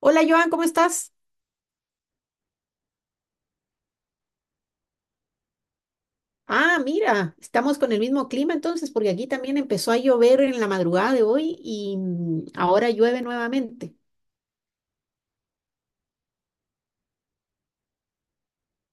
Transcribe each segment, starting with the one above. Hola Joan, ¿cómo estás? Ah, mira, estamos con el mismo clima entonces, porque aquí también empezó a llover en la madrugada de hoy y ahora llueve nuevamente.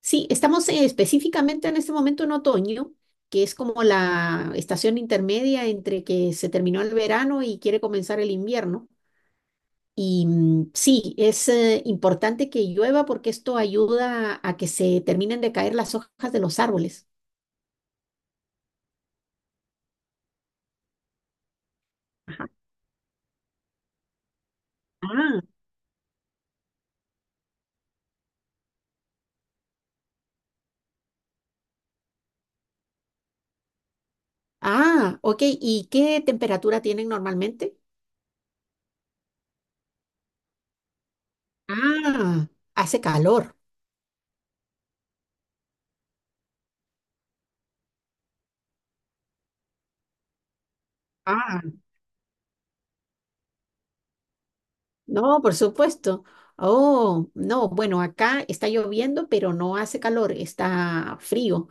Sí, estamos específicamente en este momento en otoño, que es como la estación intermedia entre que se terminó el verano y quiere comenzar el invierno. Y sí, es importante que llueva porque esto ayuda a que se terminen de caer las hojas de los árboles. Ajá. Ah, ah, ok. ¿Y qué temperatura tienen normalmente? Ah, hace calor. Ah, no, por supuesto. Oh, no, bueno, acá está lloviendo, pero no hace calor, está frío.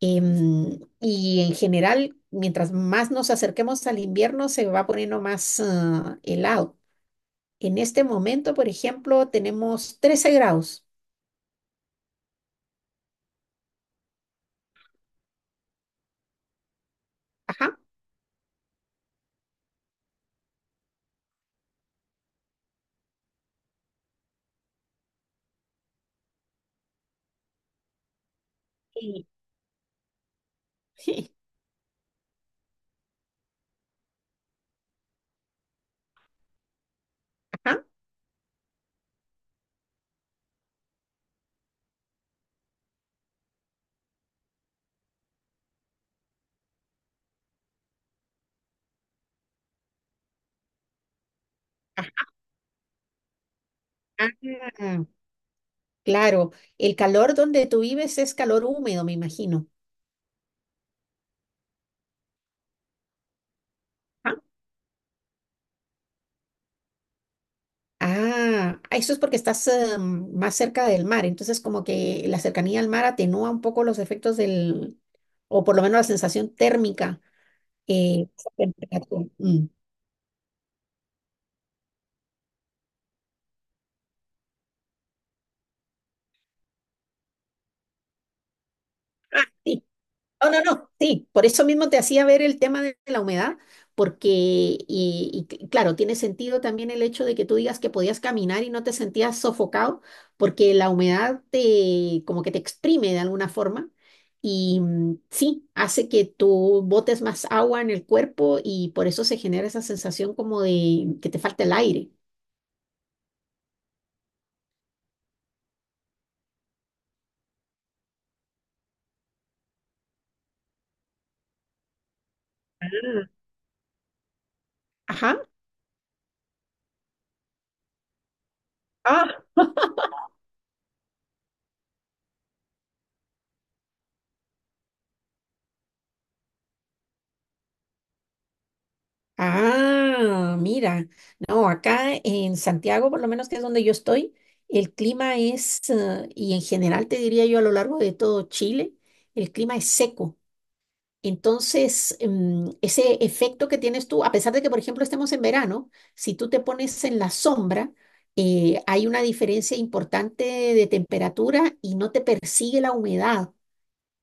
Y en general, mientras más nos acerquemos al invierno, se va poniendo más ah, helado. En este momento, por ejemplo, tenemos 13 grados. Ajá. Sí. Sí. Ajá. Ah, claro, el calor donde tú vives es calor húmedo, me imagino. Ah, ah, eso es porque estás más cerca del mar, entonces como que la cercanía al mar atenúa un poco los efectos del, o por lo menos la sensación térmica. Eh, esa temperatura. Mm. Sí. No, no, no, sí, por eso mismo te hacía ver el tema de la humedad, porque, y, claro, tiene sentido también el hecho de que tú digas que podías caminar y no te sentías sofocado, porque la humedad te, como que te exprime de alguna forma, y sí, hace que tú botes más agua en el cuerpo y por eso se genera esa sensación como de que te falta el aire. Ajá. Ah, mira, no, acá en Santiago, por lo menos que es donde yo estoy, el clima es, y en general te diría yo a lo largo de todo Chile, el clima es seco. Entonces, ese efecto que tienes tú, a pesar de que, por ejemplo, estemos en verano, si tú te pones en la sombra, hay una diferencia importante de temperatura y no te persigue la humedad.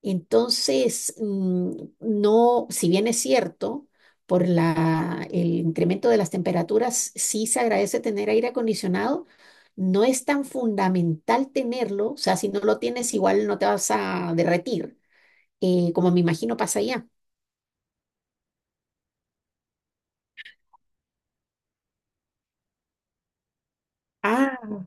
Entonces, no, si bien es cierto, el incremento de las temperaturas sí se agradece tener aire acondicionado, no es tan fundamental tenerlo, o sea, si no lo tienes igual no te vas a derretir, como me imagino pasa allá. Ah,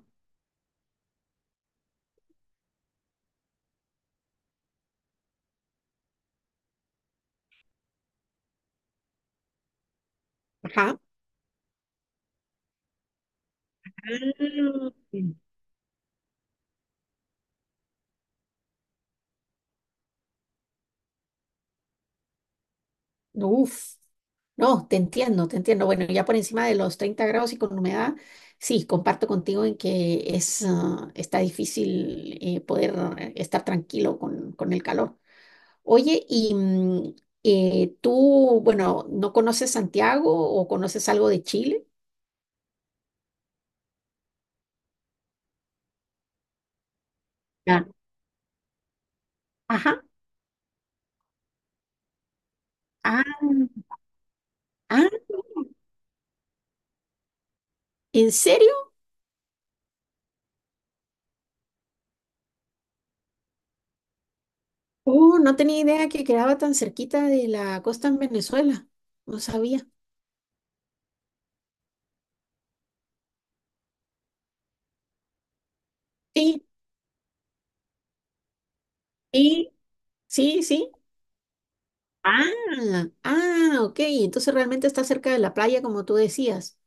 ajá. Ah, uf, no, te entiendo, te entiendo. Bueno, ya por encima de los 30 grados y con humedad, sí, comparto contigo en que es, ah, está difícil poder estar tranquilo con el calor. Oye, y tú, bueno, ¿no conoces Santiago o conoces algo de Chile? Ya. Ajá. Ah, ah, ¿en serio? Oh, no tenía idea que quedaba tan cerquita de la costa en Venezuela. No sabía. Sí, sí, sí, sí. Ah, ah, ok. Entonces realmente está cerca de la playa, como tú decías.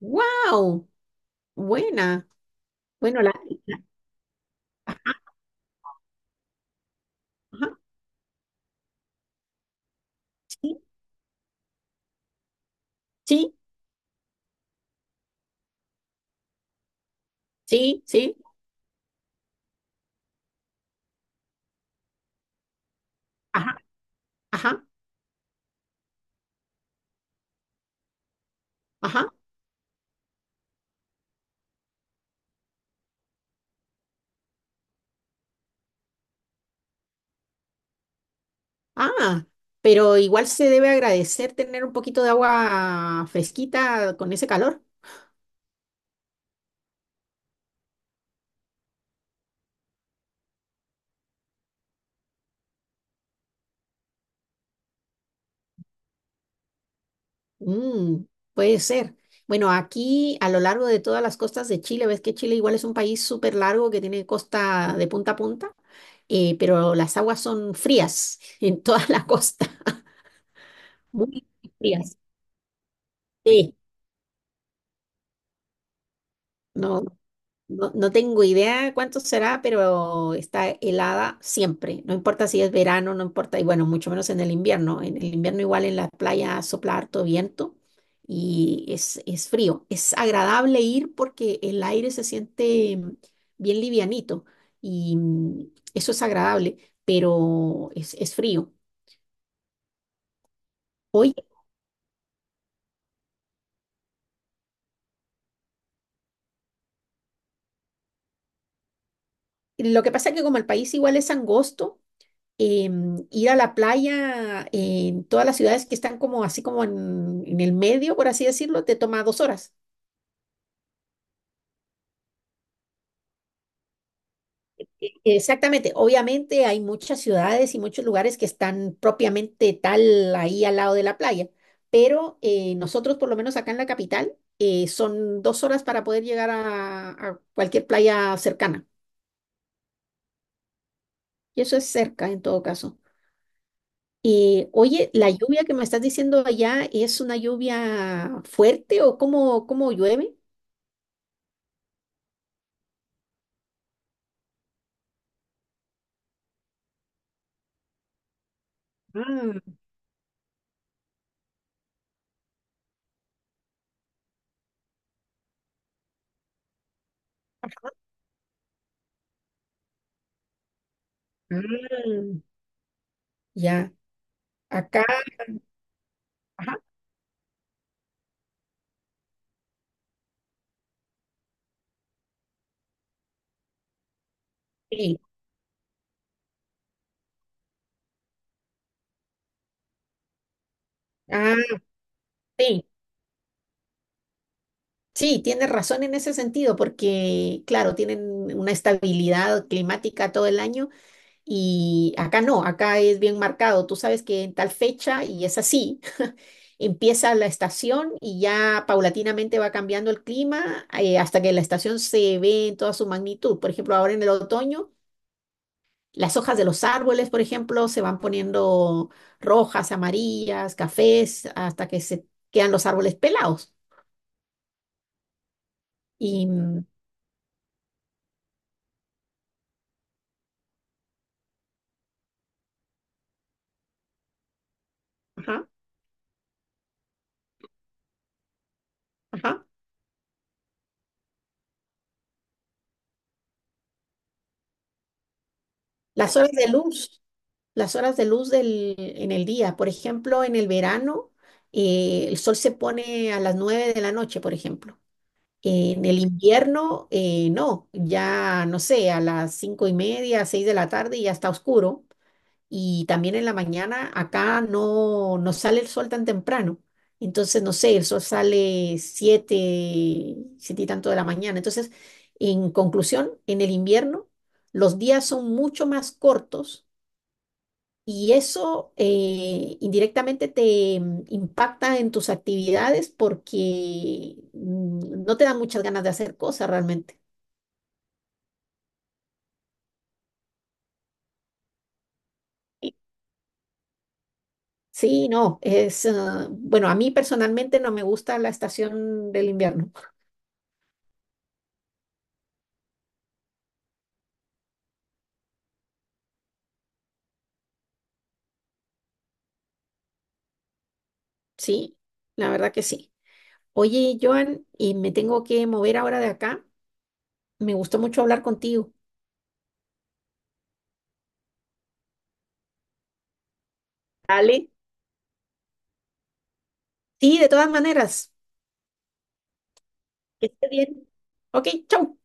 ¡Wow! Buena. Bueno, la, ajá, ajá, sí, sí, sí, sí, ajá, ajá, ajá. Ah, pero igual se debe agradecer tener un poquito de agua fresquita con ese calor. Mm, puede ser. Bueno, aquí a lo largo de todas las costas de Chile, ves que Chile igual es un país súper largo que tiene costa de punta a punta. Eh, pero las aguas son frías en toda la costa, muy frías. Sí, no, no, no tengo idea cuánto será, pero está helada siempre, no importa si es verano, no importa, y bueno, mucho menos en el invierno. En el invierno igual en la playa sopla harto viento y es frío. Es agradable ir porque el aire se siente bien livianito y eso es agradable, pero es frío. Hoy lo que pasa es que como el país igual es angosto, ir a la playa en todas las ciudades que están como así como en el medio, por así decirlo, te toma 2 horas. Exactamente, obviamente hay muchas ciudades y muchos lugares que están propiamente tal ahí al lado de la playa, pero nosotros por lo menos acá en la capital son 2 horas para poder llegar a cualquier playa cercana. Y eso es cerca en todo caso. Y oye, la lluvia que me estás diciendo allá, ¿es una lluvia fuerte o cómo, cómo llueve? Ah, ah, ya, acá, ajá. Sí. Ah, sí. Sí, tienes razón en ese sentido, porque claro, tienen una estabilidad climática todo el año y acá no, acá es bien marcado. Tú sabes que en tal fecha y es así, empieza la estación y ya paulatinamente va cambiando el clima hasta que la estación se ve en toda su magnitud. Por ejemplo, ahora en el otoño, las hojas de los árboles, por ejemplo, se van poniendo rojas, amarillas, cafés, hasta que se quedan los árboles pelados. Y ajá, ajá. Las horas de luz, las horas de luz en el día. Por ejemplo, en el verano, el sol se pone a las 9 de la noche, por ejemplo. En el invierno, no, ya no sé, a las 5:30, 6 de la tarde ya está oscuro y también en la mañana acá no, no sale el sol tan temprano. Entonces, no sé, el sol sale 7, 7 y tanto de la mañana. Entonces, en conclusión, en el invierno los días son mucho más cortos y eso indirectamente te impacta en tus actividades porque no te dan muchas ganas de hacer cosas realmente. Sí, no, es, ah, bueno, a mí personalmente no me gusta la estación del invierno. Sí, la verdad que sí. Oye, Joan, y me tengo que mover ahora de acá. Me gustó mucho hablar contigo. Dale, sí, de todas maneras, que esté bien. Ok, chau.